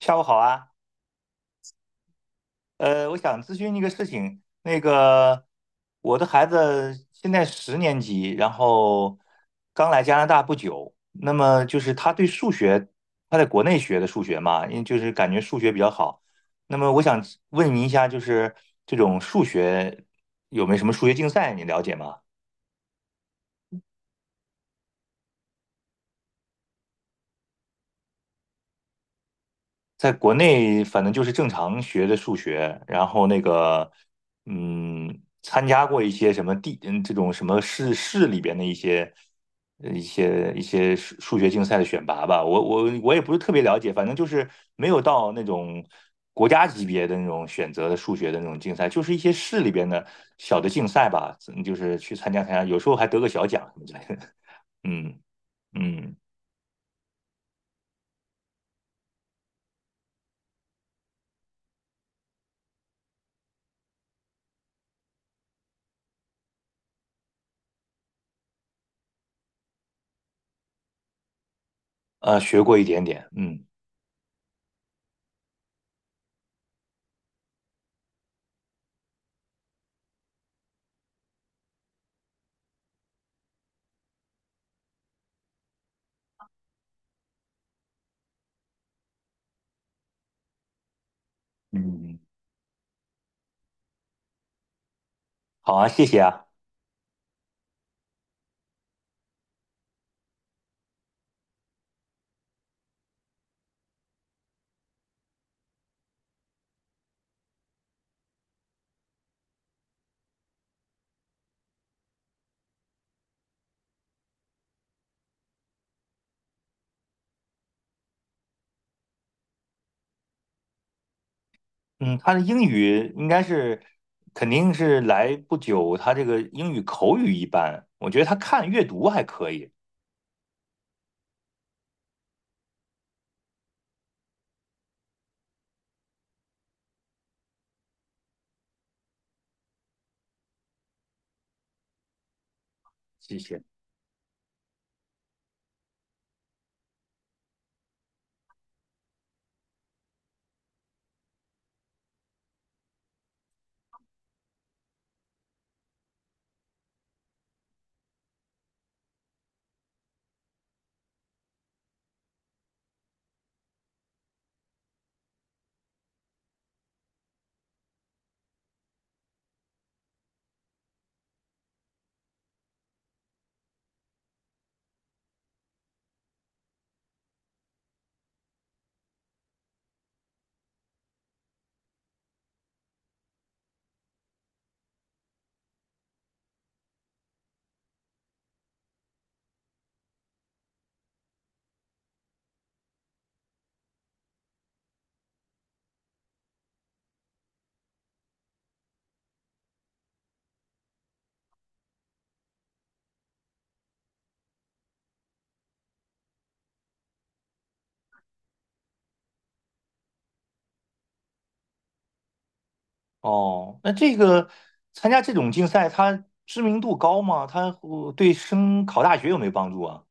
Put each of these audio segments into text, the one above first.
下午好啊，我想咨询一个事情。那个，我的孩子现在十年级，然后刚来加拿大不久。那么就是他对数学，他在国内学的数学嘛，因为就是感觉数学比较好。那么我想问您一下，就是这种数学有没有什么数学竞赛，你了解吗？在国内反正就是正常学的数学，然后那个，参加过一些什么地，这种什么市里边的一些一些数学竞赛的选拔吧。我也不是特别了解，反正就是没有到那种国家级别的那种选择的数学的那种竞赛，就是一些市里边的小的竞赛吧，嗯就是去参加参加，有时候还得个小奖什么之类的。嗯嗯，学过一点点，嗯嗯，好啊，谢谢啊。嗯，他的英语应该是肯定是来不久，他这个英语口语一般，我觉得他看阅读还可以。谢谢。哦，那这个参加这种竞赛，他知名度高吗？他对升考大学有没有帮助啊？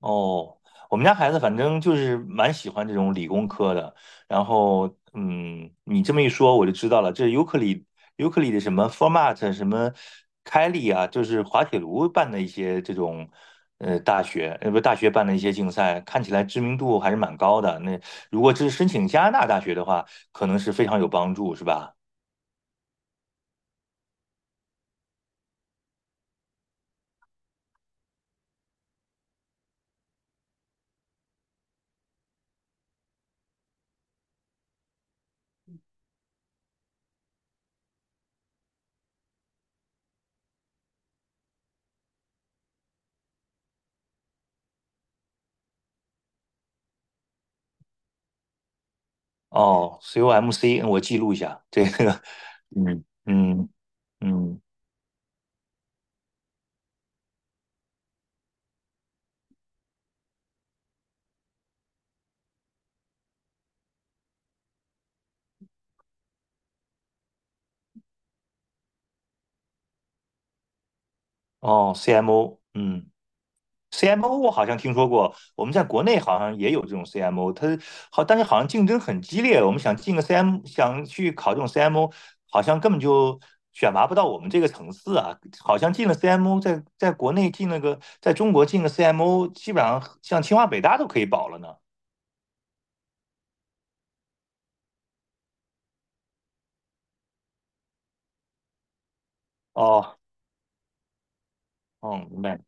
哦，我们家孩子反正就是蛮喜欢这种理工科的。然后，嗯，你这么一说，我就知道了，这尤克里的什么 Format 什么开利啊，就是滑铁卢办的一些这种大学，不大学办的一些竞赛，看起来知名度还是蛮高的。那如果这是申请加拿大大学的话，可能是非常有帮助，是吧？哦，COMC，我记录一下这个，嗯嗯嗯，哦，CMO，嗯。CMO 我好像听说过，我们在国内好像也有这种 CMO，它好，但是好像竞争很激烈。我们想进个 CM，想去考这种 CMO，好像根本就选拔不到我们这个层次啊。好像进了 CMO，在国内进了个，在中国进个 CMO，基本上像清华北大都可以保了呢。哦，哦，明白，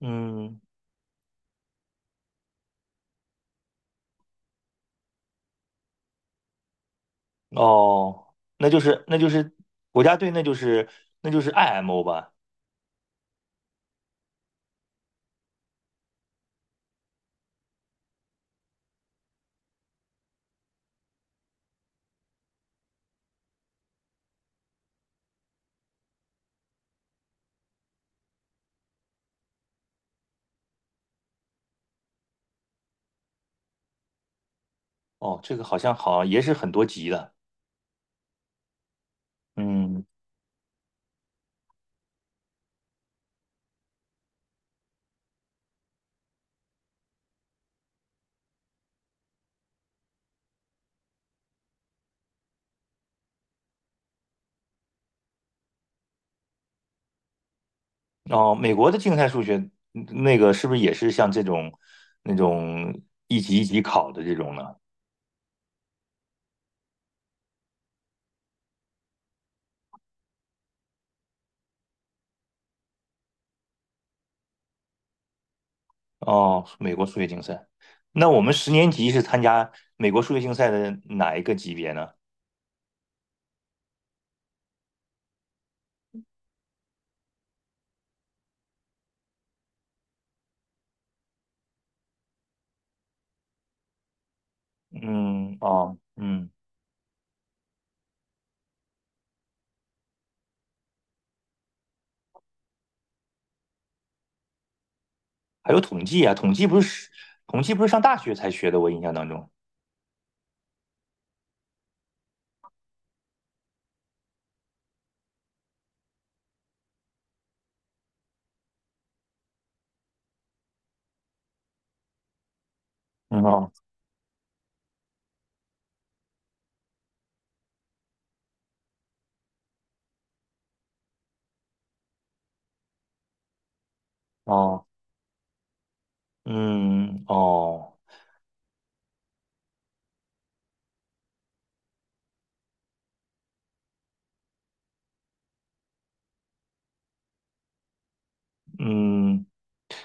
嗯，哦，那就是国家队，那就是 IMO 吧。哦，这个好像也是很多级的，嗯。哦，美国的竞赛数学嗯那个是不是也是像这种那种一级一级考的这种呢？哦，美国数学竞赛。那我们十年级是参加美国数学竞赛的哪一个级别呢？嗯，哦，嗯，还有统计啊，统计不是上大学才学的，我印象当中。嗯哦哦，嗯哦嗯。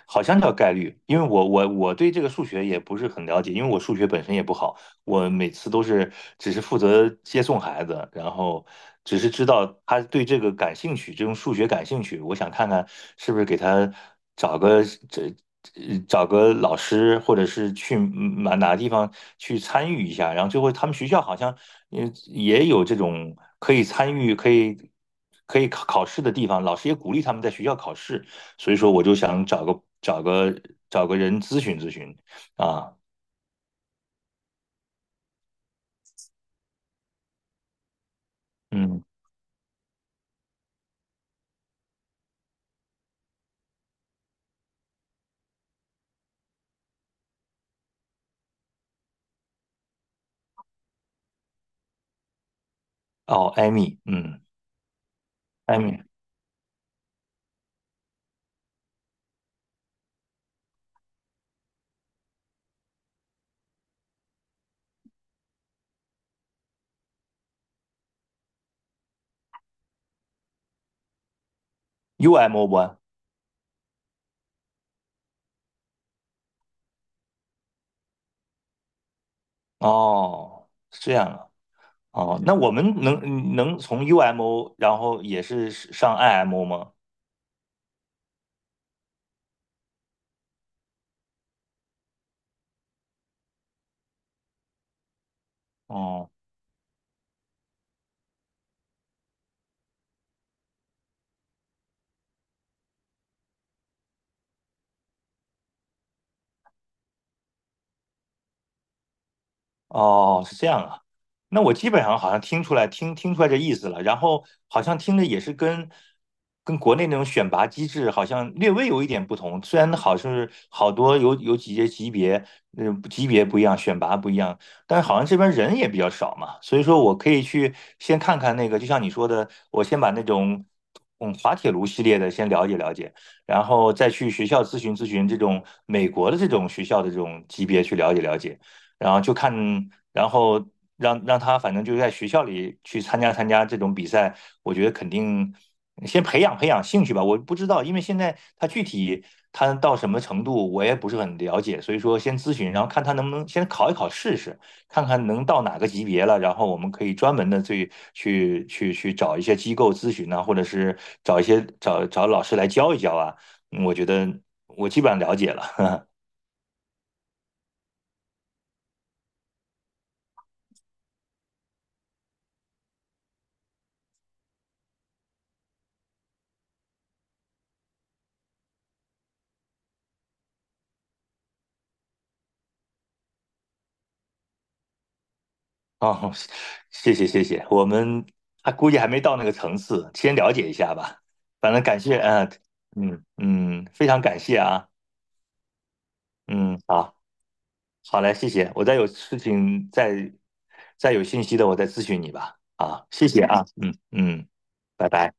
好像叫概率，因为我对这个数学也不是很了解，因为我数学本身也不好，我每次都是只是负责接送孩子，然后只是知道他对这个感兴趣，这种数学感兴趣，我想看看是不是给他找个这找个老师，或者是去哪个地方去参与一下，然后最后他们学校好像也有这种可以参与可以。可以考考试的地方，老师也鼓励他们在学校考试，所以说我就想找个人咨询咨询啊，嗯，哦，艾米，嗯，艾米，U M O 不？哦，是这样啊，哦，那我们能嗯能从 U M O，然后也是上 I M O 吗？哦。哦，是这样啊。那我基本上好像听出来，听出来这意思了。然后好像听着也是跟国内那种选拔机制好像略微有一点不同。虽然好像是好多有几些级别，嗯、级别不一样，选拔不一样，但是好像这边人也比较少嘛。所以说我可以去先看看那个，就像你说的，我先把那种嗯滑铁卢系列的先了解了解。然后再去学校咨询咨询这种美国的这种学校的这种级别去了解了解，然后就看，然后让他反正就在学校里去参加参加这种比赛，我觉得肯定先培养培养兴趣吧。我不知道，因为现在他具体他到什么程度，我也不是很了解，所以说先咨询，然后看他能不能先考一考试试，看看能到哪个级别了，然后我们可以专门的去找一些机构咨询啊，或者是找一些找老师来教一教啊。嗯我觉得我基本上了解了。哦，谢谢谢谢，我们还估计还没到那个层次，先了解一下吧。反正感谢，嗯嗯嗯，非常感谢啊，嗯，好，好嘞，谢谢。我再有事情再有信息的，我再咨询你吧。啊，谢谢啊，嗯嗯，拜拜。